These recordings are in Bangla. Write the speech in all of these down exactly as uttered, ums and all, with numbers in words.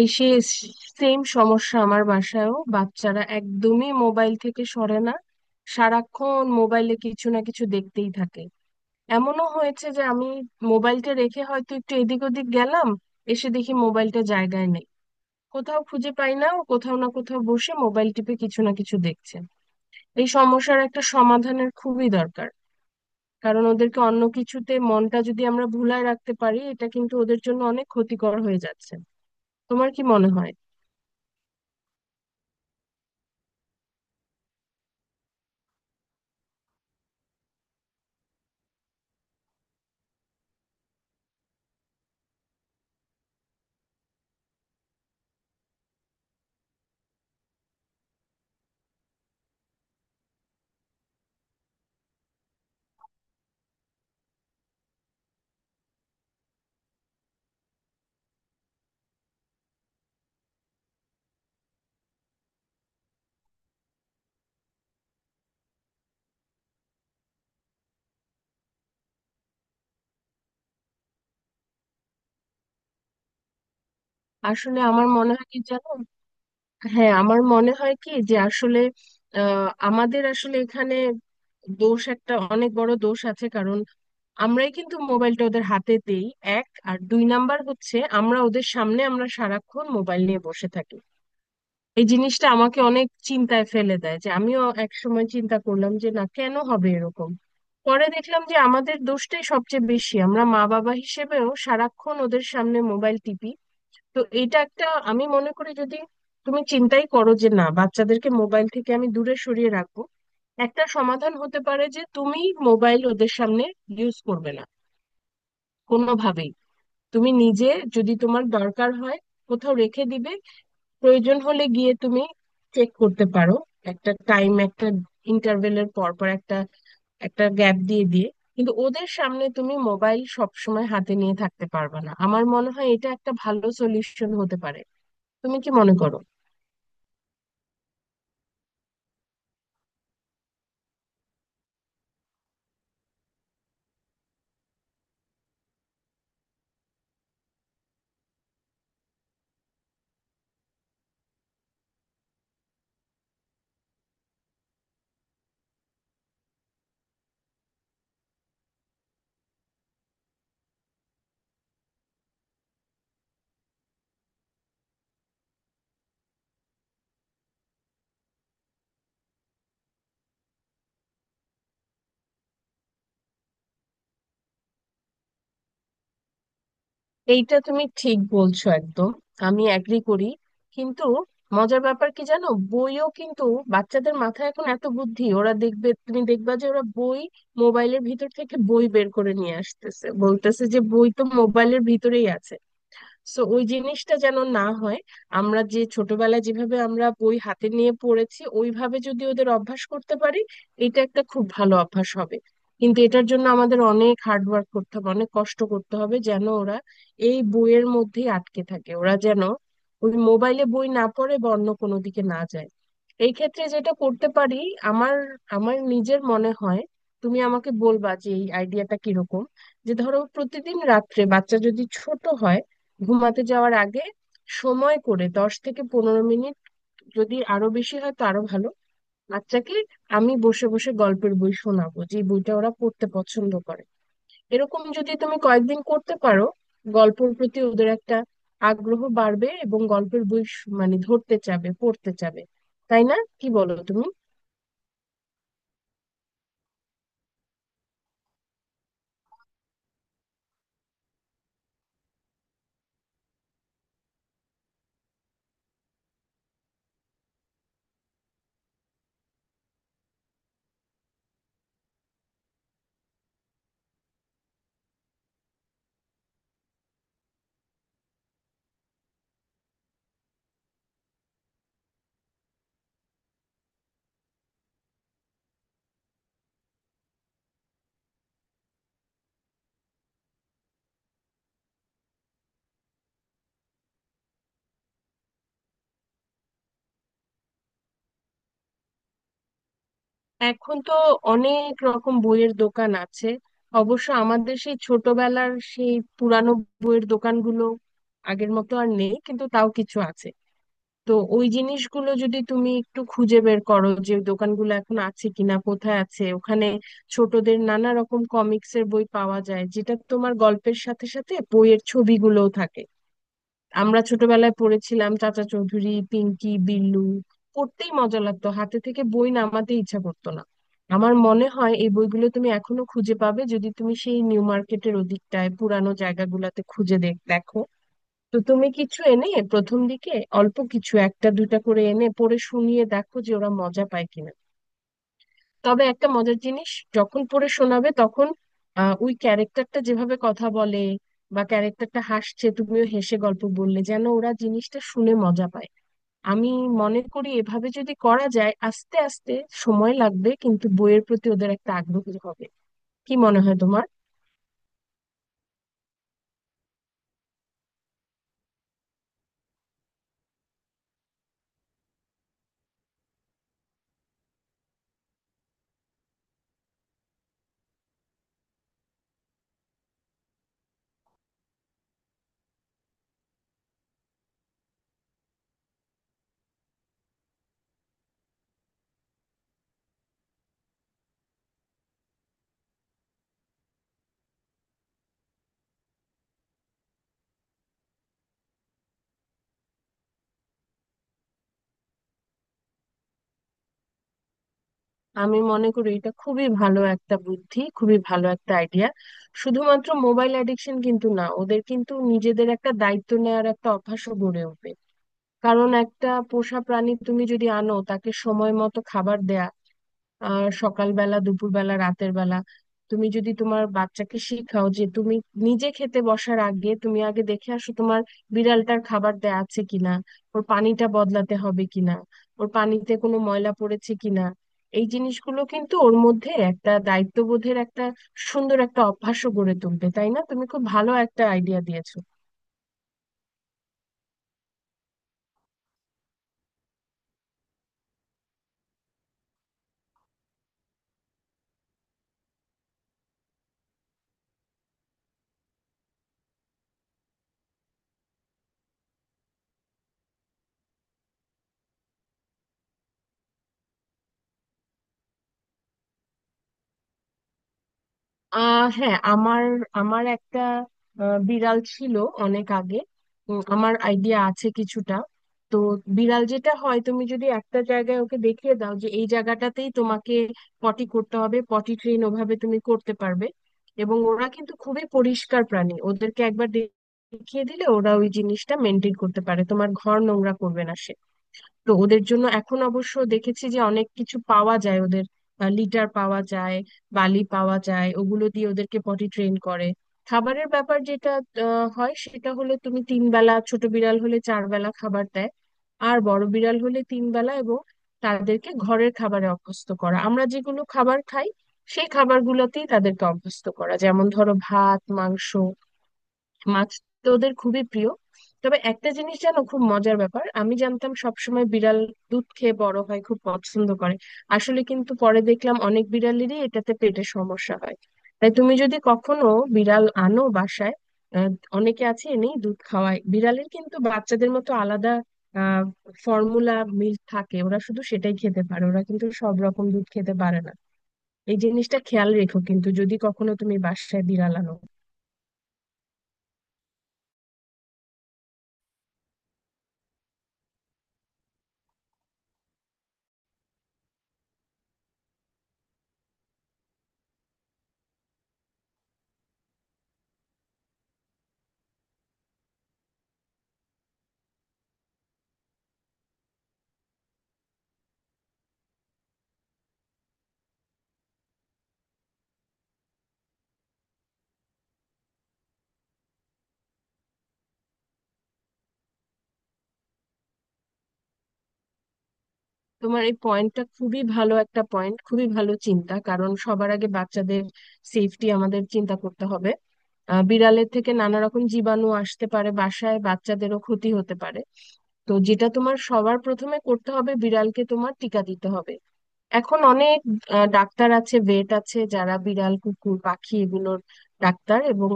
এই সে সেম সমস্যা, আমার বাসায়ও বাচ্চারা একদমই মোবাইল থেকে সরে না। সারাক্ষণ মোবাইলে কিছু না কিছু দেখতেই থাকে। এমনও হয়েছে যে আমি মোবাইলটা রেখে হয়তো একটু এদিক ওদিক গেলাম, এসে দেখি মোবাইলটা জায়গায় নেই, কোথাও খুঁজে পাই না। ও কোথাও না কোথাও বসে মোবাইল টিপে কিছু না কিছু দেখছে। এই সমস্যার একটা সমাধানের খুবই দরকার, কারণ ওদেরকে অন্য কিছুতে মনটা যদি আমরা ভুলায় রাখতে পারি, এটা কিন্তু ওদের জন্য অনেক ক্ষতিকর হয়ে যাচ্ছে। তোমার কি মনে হয়? আসলে আমার মনে হয় কি জানো, হ্যাঁ আমার মনে হয় কি যে আসলে আহ, আমাদের আসলে এখানে দোষ, একটা অনেক বড় দোষ আছে। কারণ আমরাই কিন্তু মোবাইলটা ওদের হাতে দেই। এক আর দুই নাম্বার হচ্ছে, আমরা ওদের সামনে আমরা সারাক্ষণ মোবাইল নিয়ে বসে থাকি। এই জিনিসটা আমাকে অনেক চিন্তায় ফেলে দেয়। যে আমিও এক সময় চিন্তা করলাম যে না, কেন হবে এরকম? পরে দেখলাম যে আমাদের দোষটাই সবচেয়ে বেশি, আমরা মা বাবা হিসেবেও সারাক্ষণ ওদের সামনে মোবাইল টিপি। তো এটা একটা, আমি মনে করি যদি তুমি চিন্তাই করো যে না, বাচ্চাদেরকে মোবাইল থেকে আমি দূরে সরিয়ে রাখবো, একটা সমাধান হতে পারে যে তুমি মোবাইল ওদের সামনে ইউজ করবে না, কোনোভাবেই। তুমি নিজে যদি তোমার দরকার হয়, কোথাও রেখে দিবে, প্রয়োজন হলে গিয়ে তুমি চেক করতে পারো। একটা টাইম, একটা ইন্টারভেলের পর পর, একটা একটা গ্যাপ দিয়ে দিয়ে। কিন্তু ওদের সামনে তুমি মোবাইল সব সময় হাতে নিয়ে থাকতে পারবে না। আমার মনে হয় এটা একটা ভালো সলিউশন হতে পারে। তুমি কি মনে করো? এইটা তুমি ঠিক বলছো একদম, আমি এগ্রি করি। কিন্তু মজার ব্যাপার কি জানো, বইও কিন্তু, বাচ্চাদের মাথায় এখন এত বুদ্ধি, ওরা দেখবে, তুমি দেখবা যে ওরা বই মোবাইলের ভিতর থেকে বই বের করে নিয়ে আসতেছে, বলতেছে যে বই তো মোবাইলের ভিতরেই আছে। সো ওই জিনিসটা যেন না হয়। আমরা যে ছোটবেলায় যেভাবে আমরা বই হাতে নিয়ে পড়েছি, ওইভাবে যদি ওদের অভ্যাস করতে পারি, এটা একটা খুব ভালো অভ্যাস হবে। কিন্তু এটার জন্য আমাদের অনেক হার্ড ওয়ার্ক করতে হবে, অনেক কষ্ট করতে হবে যেন ওরা এই বইয়ের মধ্যেই আটকে থাকে, ওরা যেন ওই মোবাইলে বই না পড়ে বা অন্য কোনো দিকে না যায়। এই ক্ষেত্রে যেটা করতে পারি, আমার আমার নিজের মনে হয়, তুমি আমাকে বলবা যে এই আইডিয়াটা কিরকম, যে ধরো প্রতিদিন রাত্রে বাচ্চা যদি ছোট হয়, ঘুমাতে যাওয়ার আগে সময় করে দশ থেকে পনেরো মিনিট, যদি আরো বেশি হয় তো আরো ভালো, বাচ্চাকে আমি বসে বসে গল্পের বই শোনাবো, যে বইটা ওরা পড়তে পছন্দ করে। এরকম যদি তুমি কয়েকদিন করতে পারো, গল্পের প্রতি ওদের একটা আগ্রহ বাড়বে এবং গল্পের বই শ- মানে ধরতে চাবে, পড়তে চাবে। তাই না, কি বলো তুমি? এখন তো অনেক রকম বইয়ের দোকান আছে। অবশ্য আমাদের সেই ছোটবেলার সেই পুরানো বইয়ের দোকানগুলো আগের মতো আর নেই, কিন্তু তাও কিছু আছে। তো ওই জিনিসগুলো যদি তুমি একটু খুঁজে বের করো যে ওই দোকানগুলো এখন আছে কিনা, কোথায় আছে, ওখানে ছোটদের নানা রকম কমিক্সের বই পাওয়া যায়, যেটা তোমার গল্পের সাথে সাথে বইয়ের ছবিগুলোও থাকে। আমরা ছোটবেলায় পড়েছিলাম চাচা চৌধুরী, পিঙ্কি, বিল্লু। পড়তেই মজা লাগতো, হাতে থেকে বই নামাতে ইচ্ছা করতো না। আমার মনে হয় এই বইগুলো তুমি এখনো খুঁজে পাবে যদি তুমি সেই নিউ মার্কেটের ওদিকটায় পুরানো জায়গাগুলোতে খুঁজে দেখ- দেখো। তো তুমি কিছু এনে, প্রথম দিকে অল্প কিছু, একটা দুইটা করে এনে পড়ে শুনিয়ে দেখো যে ওরা মজা পায় কিনা। তবে একটা মজার জিনিস, যখন পড়ে শোনাবে তখন, আহ, ওই ক্যারেক্টারটা যেভাবে কথা বলে বা ক্যারেক্টারটা হাসছে, তুমিও হেসে গল্প বললে যেন ওরা জিনিসটা শুনে মজা পায়। আমি মনে করি এভাবে যদি করা যায়, আস্তে আস্তে সময় লাগবে, কিন্তু বইয়ের প্রতি ওদের একটা আগ্রহ হবে। কি মনে হয় তোমার? আমি মনে করি এটা খুবই ভালো একটা বুদ্ধি, খুবই ভালো একটা আইডিয়া। শুধুমাত্র মোবাইল অ্যাডিকশন কিন্তু না, ওদের কিন্তু নিজেদের একটা দায়িত্ব নেওয়ার একটা অভ্যাসও গড়ে উঠবে। কারণ একটা পোষা প্রাণী তুমি যদি আনো, তাকে সময় মতো খাবার দেয়া, আহ সকালবেলা, দুপুরবেলা, রাতের বেলা। তুমি যদি তোমার বাচ্চাকে শিখাও যে তুমি নিজে খেতে বসার আগে তুমি আগে দেখে আসো তোমার বিড়ালটার খাবার দেয়া আছে কিনা, ওর পানিটা বদলাতে হবে কিনা, ওর পানিতে কোনো ময়লা পড়েছে কিনা, এই জিনিসগুলো কিন্তু ওর মধ্যে একটা দায়িত্ববোধের একটা সুন্দর একটা অভ্যাসও গড়ে তুলবে। তাই না, তুমি খুব ভালো একটা আইডিয়া দিয়েছো। আহ হ্যাঁ, আমার আমার একটা আহ, বিড়াল ছিল অনেক আগে। উম, আমার আইডিয়া আছে কিছুটা। তো বিড়াল যেটা হয়, তুমি যদি একটা জায়গায় ওকে দেখিয়ে দাও যে এই জায়গাটাতেই তোমাকে পটি করতে হবে, পটি ট্রেন ওভাবে তুমি করতে পারবে। এবং ওরা কিন্তু খুবই পরিষ্কার প্রাণী, ওদেরকে একবার দে- দেখিয়ে দিলে ওরা ওই জিনিসটা মেনটেন করতে পারে, তোমার ঘর নোংরা করবে না। তো ওদের জন্য এখন অবশ্য দেখেছি যে অনেক কিছু পাওয়া যায় ওদের, আহ, লিটার পাওয়া যায়, বালি পাওয়া যায়, ওগুলো দিয়ে ওদেরকে পটি ট্রেন করে। খাবারের ব্যাপার যেটা আহ, হয়, সেটা হলো তুমি তিন বেলা, ছোট বিড়াল হলে চার বেলা খাবার দেয়, আর বড় বিড়াল হলে তিন বেলা। এবং তাদেরকে ঘরের খাবারে অভ্যস্ত করা, আমরা যেগুলো খাবার খাই সেই খাবারগুলোতেই তাদেরকে অভ্যস্ত করা, যেমন ধরো ভাত, মাংস, মাছ, তো ওদের খুবই প্রিয়। তবে একটা জিনিস জানো, খুব মজার ব্যাপার, আমি জানতাম সবসময় বিড়াল দুধ খেয়ে বড় হয়, খুব পছন্দ করে। আসলে কিন্তু পরে দেখলাম অনেক বিড়ালেরই এটাতে পেটের সমস্যা হয়। তাই তুমি যদি কখনো বিড়াল আনো বাসায়, আহ, অনেকে আছে এনেই দুধ খাওয়ায় বিড়ালের, কিন্তু বাচ্চাদের মতো আলাদা আহ ফর্মুলা মিল্ক থাকে, ওরা শুধু সেটাই খেতে পারে, ওরা কিন্তু সব রকম দুধ খেতে পারে না। এই জিনিসটা খেয়াল রেখো কিন্তু যদি কখনো তুমি বাসায় বিড়াল আনো। তোমার এই পয়েন্টটা খুবই ভালো একটা পয়েন্ট, খুবই ভালো চিন্তা। কারণ সবার আগে বাচ্চাদের সেফটি আমাদের চিন্তা করতে হবে। আহ, বিড়ালের থেকে নানা রকম জীবাণু আসতে পারে বাসায়, বাচ্চাদেরও ক্ষতি হতে পারে। তো যেটা তোমার সবার প্রথমে করতে হবে, বিড়ালকে তোমার টিকা দিতে হবে। এখন অনেক আহ, ডাক্তার আছে, ভেট আছে, যারা বিড়াল, কুকুর, পাখি, এগুলোর ডাক্তার। এবং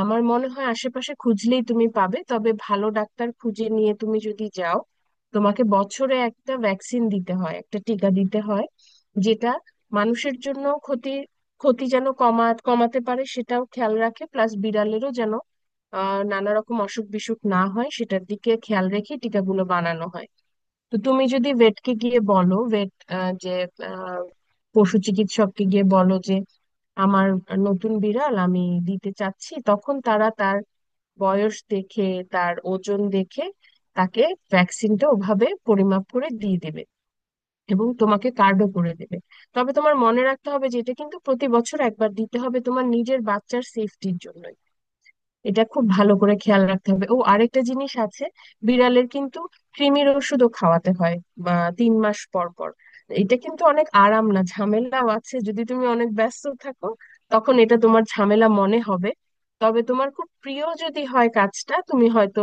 আমার মনে হয় আশেপাশে খুঁজলেই তুমি পাবে। তবে ভালো ডাক্তার খুঁজে নিয়ে তুমি যদি যাও, তোমাকে বছরে একটা ভ্যাকসিন দিতে হয়, একটা টিকা দিতে হয়, যেটা মানুষের জন্য ক্ষতি ক্ষতি যেন কমা কমাতে পারে সেটাও খেয়াল রাখে। প্লাস বিড়ালেরও যেন আহ নানা রকম অসুখ বিসুখ না হয় সেটার দিকে খেয়াল রেখে টিকাগুলো বানানো হয়। তো তুমি যদি ভেটকে গিয়ে বলো, ভেট যে আহ, পশু চিকিৎসককে গিয়ে বলো যে আমার নতুন বিড়াল, আমি দিতে চাচ্ছি, তখন তারা তার বয়স দেখে, তার ওজন দেখে তাকে ভ্যাকসিনটা ওভাবে পরিমাপ করে দিয়ে দেবে এবং তোমাকে কার্ডও করে দেবে। তবে তোমার মনে রাখতে হবে যে এটা কিন্তু প্রতি বছর একবার দিতে হবে, তোমার নিজের বাচ্চার সেফটির জন্য এটা খুব ভালো করে খেয়াল রাখতে হবে। ও আরেকটা জিনিস আছে, বিড়ালের কিন্তু কৃমির ওষুধও খাওয়াতে হয় বা তিন মাস পর পর। এটা কিন্তু অনেক আরাম না, ঝামেলাও আছে। যদি তুমি অনেক ব্যস্ত থাকো, তখন এটা তোমার ঝামেলা মনে হবে। তবে তোমার খুব প্রিয় যদি হয় কাজটা, তুমি হয়তো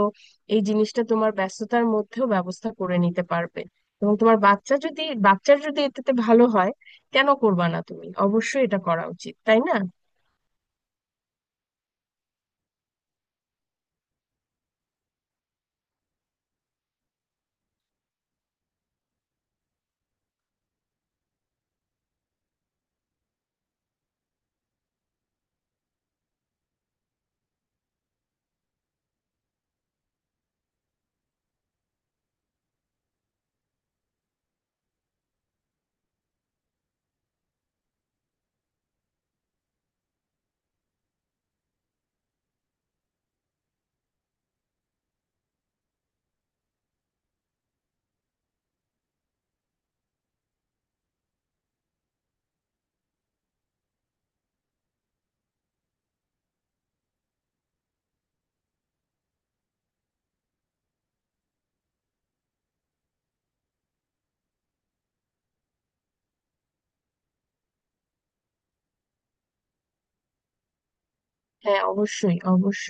এই জিনিসটা তোমার ব্যস্ততার মধ্যেও ব্যবস্থা করে নিতে পারবে। এবং তোমার বাচ্চা যদি, বাচ্চার যদি এটাতে ভালো হয়, কেন করবা না? তুমি অবশ্যই এটা করা উচিত, তাই না? হ্যাঁ, অবশ্যই অবশ্যই।